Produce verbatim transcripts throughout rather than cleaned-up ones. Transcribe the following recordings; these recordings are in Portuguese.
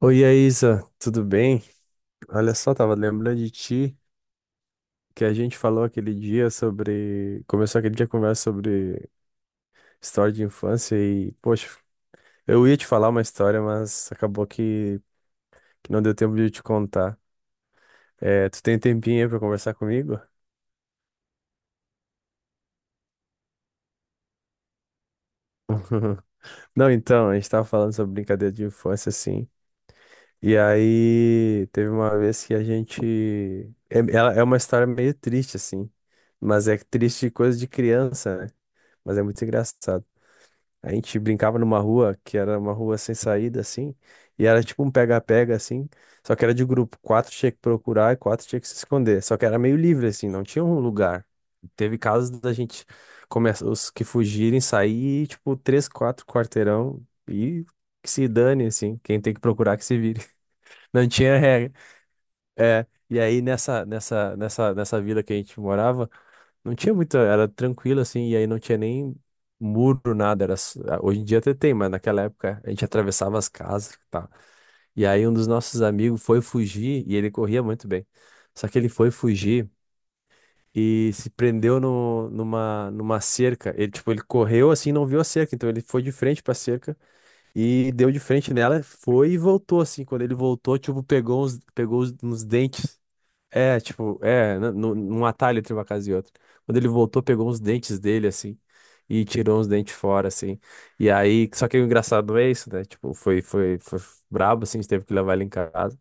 Oi, Isa, tudo bem? Olha só, tava lembrando de ti que a gente falou aquele dia sobre. Começou aquele dia a conversa sobre história de infância e, poxa, eu ia te falar uma história, mas acabou que que não deu tempo de eu te contar. É, tu tem um tempinho aí pra conversar comigo? Não, então, a gente tava falando sobre brincadeira de infância, assim. E aí, teve uma vez que a gente. É, ela é uma história meio triste, assim. Mas é triste de coisa de criança, né? Mas é muito engraçado. A gente brincava numa rua que era uma rua sem saída, assim, e era tipo um pega-pega, assim, só que era de grupo. Quatro tinha que procurar e quatro tinha que se esconder. Só que era meio livre, assim, não tinha um lugar. Teve casos da gente começar, os que fugirem, sair, tipo, três, quatro quarteirão e que se dane, assim, quem tem que procurar que se vire. Não tinha regra. É, e aí nessa, nessa, nessa, nessa vila que a gente morava, não tinha muita, era tranquilo assim, e aí não tinha nem muro, nada. Era, s- ah, hoje em dia até tem, mas naquela época a gente atravessava as casas e tal. E aí um dos nossos amigos foi fugir, e ele corria muito bem. Só que ele foi fugir e se prendeu no, numa, numa cerca. Ele, tipo, ele correu assim, não viu a cerca, então ele foi de frente pra cerca e deu de frente nela, foi e voltou assim. Quando ele voltou, tipo, pegou uns, pegou uns, uns dentes. É, tipo, é, né, num num atalho entre uma casa e outra. Quando ele voltou, pegou uns dentes dele, assim, e tirou uns dentes fora, assim. E aí, só que o engraçado é isso, né? Tipo, foi, foi, foi brabo, assim, a gente teve que levar ele em casa.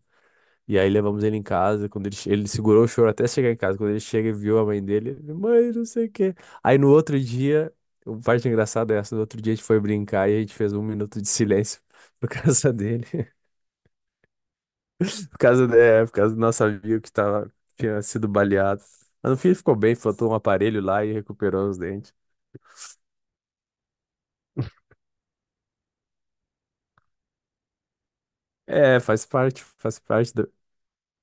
E aí levamos ele em casa, quando ele, che- ele segurou o choro até chegar em casa. Quando ele chega e viu a mãe dele, ele, mãe, não sei o quê. Aí no outro dia, o parte engraçada é essa, no outro dia a gente foi brincar e a gente fez um minuto de silêncio por causa dele. Por causa, é, por causa do nosso amigo que tava, tinha sido baleado. Mas no fim ele ficou bem, faltou um aparelho lá e recuperou os dentes. É, faz parte, faz parte da,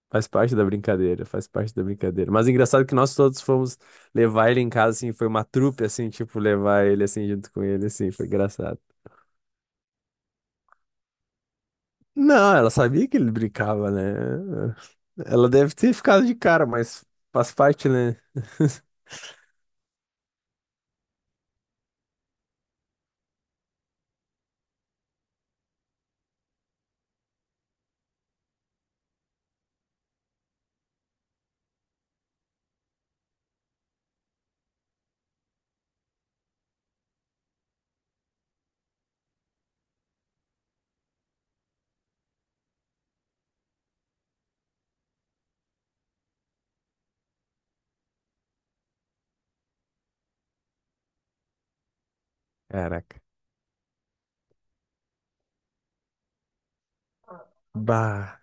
faz parte da brincadeira, faz parte da brincadeira. Mas engraçado que nós todos fomos levar ele em casa, assim, foi uma trupe, assim, tipo, levar ele, assim, junto com ele, assim, foi engraçado. Não, ela sabia que ele brincava, né? Ela deve ter ficado de cara, mas faz parte, né? Caraca. Bah.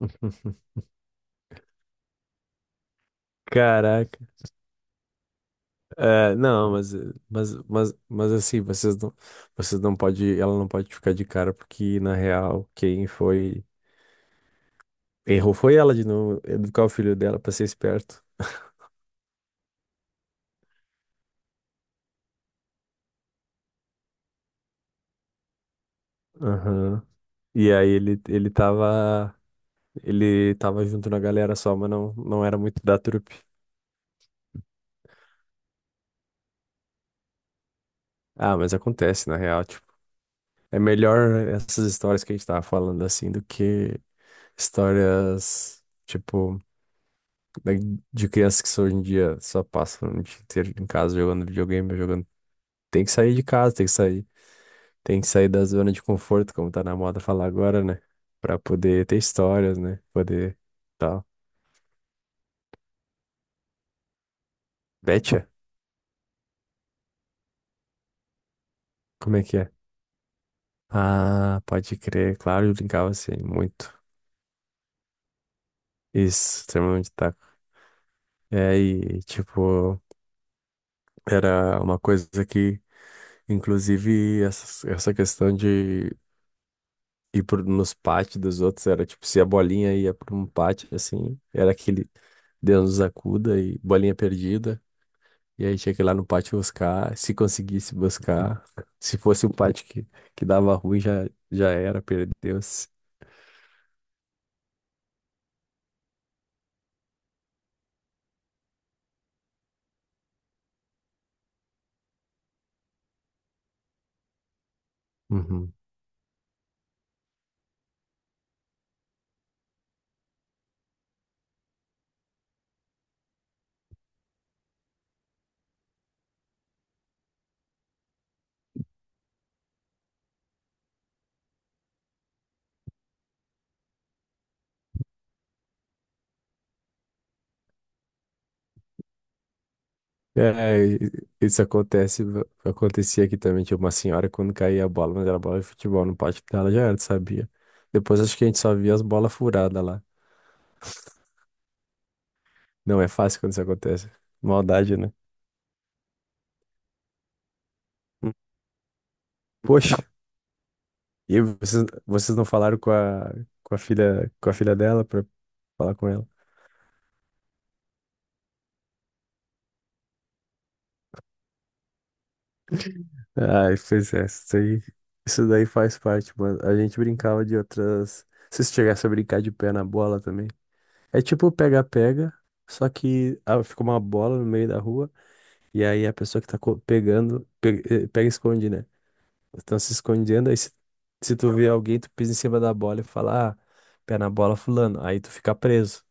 Caraca. É, não, mas, mas, mas, mas assim, vocês não, vocês não pode, ela não pode ficar de cara, porque na real, quem foi, errou foi ela de não educar o filho dela pra ser esperto. Aham. E aí ele, ele tava, ele tava junto na galera só, mas não, não era muito da trupe. Ah, mas acontece, na real, tipo, é melhor essas histórias que a gente tava falando assim do que histórias, tipo, da- de crianças que só hoje em dia só passam o dia inteiro em casa jogando videogame, jogando Tem que sair de casa, tem que sair, tem que sair da zona de conforto, como tá na moda falar agora, né? Pra poder ter histórias, né? Poder tal. Betcha? Como é que é? Ah, pode crer, claro, eu brincava assim, muito. Isso, extremamente taco. É, e tipo, era uma coisa que, inclusive, essa, essa questão de ir por, nos pátios dos outros, era tipo, se a bolinha ia pra um pátio, assim, era aquele Deus nos acuda e bolinha perdida. E aí tinha que ir lá no pátio buscar, se conseguisse buscar. Se fosse o pátio que, que dava ruim, já, já era, perdeu-se. Uhum. É, e- isso acontece, acontecia aqui também, tinha uma senhora quando caía a bola, mas era bola de futebol no pátio dela, já era, sabia? Depois acho que a gente só via as bolas furadas lá. Não é fácil quando isso acontece. Maldade, né? Hum. Poxa, e vocês, vocês não falaram com a, com a filha, com a filha dela pra falar com ela? Ai, pois é, isso daí, isso daí faz parte, mano. A gente brincava de outras. Se você chegasse a brincar de pé na bola também. É tipo pega-pega, só que ah, fica uma bola no meio da rua, e aí a pessoa que tá co- pegando, pe- eh, pega, e esconde, né? Então se escondendo, aí se, se tu vê alguém, tu pisa em cima da bola e fala, ah, pé na bola, fulano. Aí tu fica preso.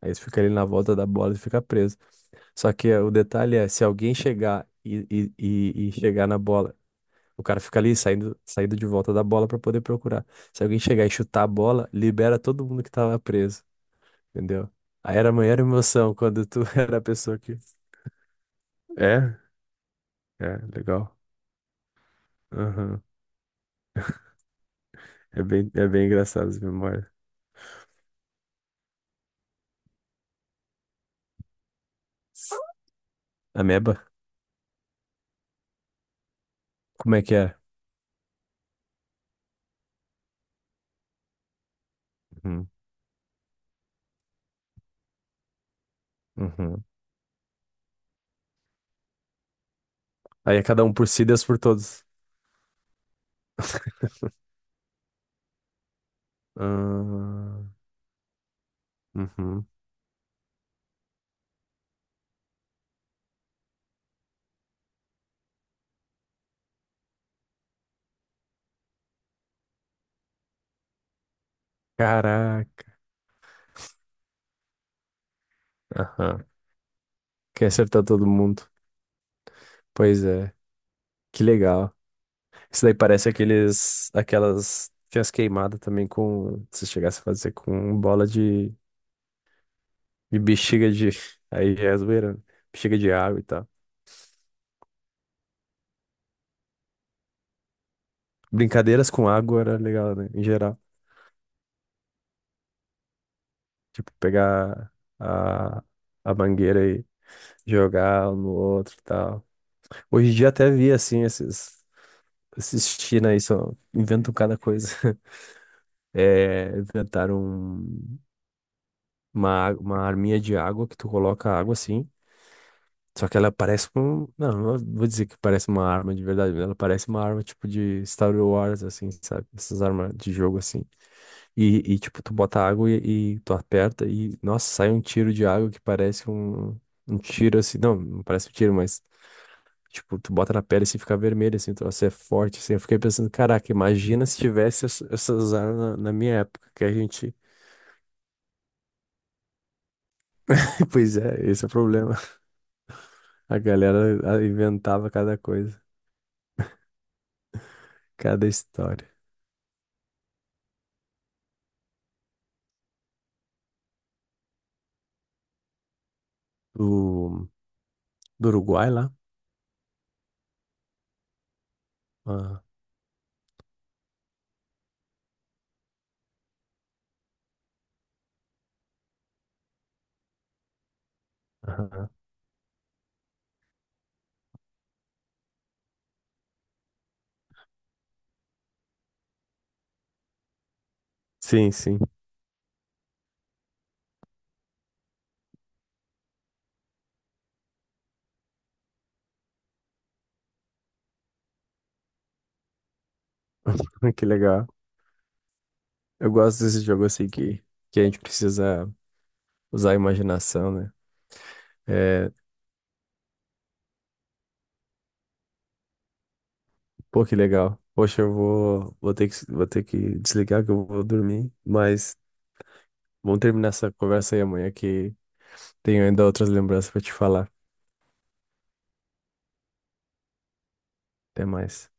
Aí tu fica ali na volta da bola e fica preso. Só que eh, o detalhe é, se alguém chegar e, e, e e chegar na bola o cara fica ali saindo, saindo de volta da bola pra poder procurar. Se alguém chegar e chutar a bola, libera todo mundo que tava preso, entendeu? Aí era a maior emoção quando tu era a pessoa que. É, é, legal. Aham. É bem, é bem engraçado as memórias. Ameba? Como é que é? Uhum. Uhum. Aí é cada um por si, Deus por todos. Ah, uhum. Caraca. Aham. Quer acertar todo mundo. Pois é. Que legal. Isso daí parece aqueles, aquelas. Tinha as queimadas também com. Se chegasse a fazer com bola de, de bexiga de. Aí já é zoeira, né? Bexiga de água e tal. Brincadeiras com água era legal, né? Em geral. Tipo, pegar a, a mangueira e jogar um no outro e tal. Hoje em dia até vi, assim, esses. Esses China aí só inventam cada coisa. É, inventaram um- uma, água- uma arminha de água que tu coloca água assim. Só que ela parece com. Não, não vou dizer que parece uma arma de verdade, mas ela parece uma arma tipo de Star Wars, assim, sabe? Essas armas de jogo, assim. E, e tipo, tu bota água e, e tu aperta e, nossa, sai um tiro de água que parece um, um tiro, assim. Não, não parece um tiro, mas, tipo, tu bota na pele e assim, fica vermelho, assim, então você é forte, assim. Eu fiquei pensando, caraca, imagina se tivesse ess- essas armas na, na minha época, que a gente. Pois é, esse é o problema. A galera ah, inventava cada coisa, cada história. O Do Uruguai lá? Ah, aham. Sim, sim. Que legal. Eu gosto desse jogo assim que, que a gente precisa usar a imaginação, né? É, pô, que legal. Poxa, eu vou, vou ter que, vou ter que desligar que eu vou dormir, mas vamos terminar essa conversa aí amanhã que tenho ainda outras lembranças pra te falar. Até mais.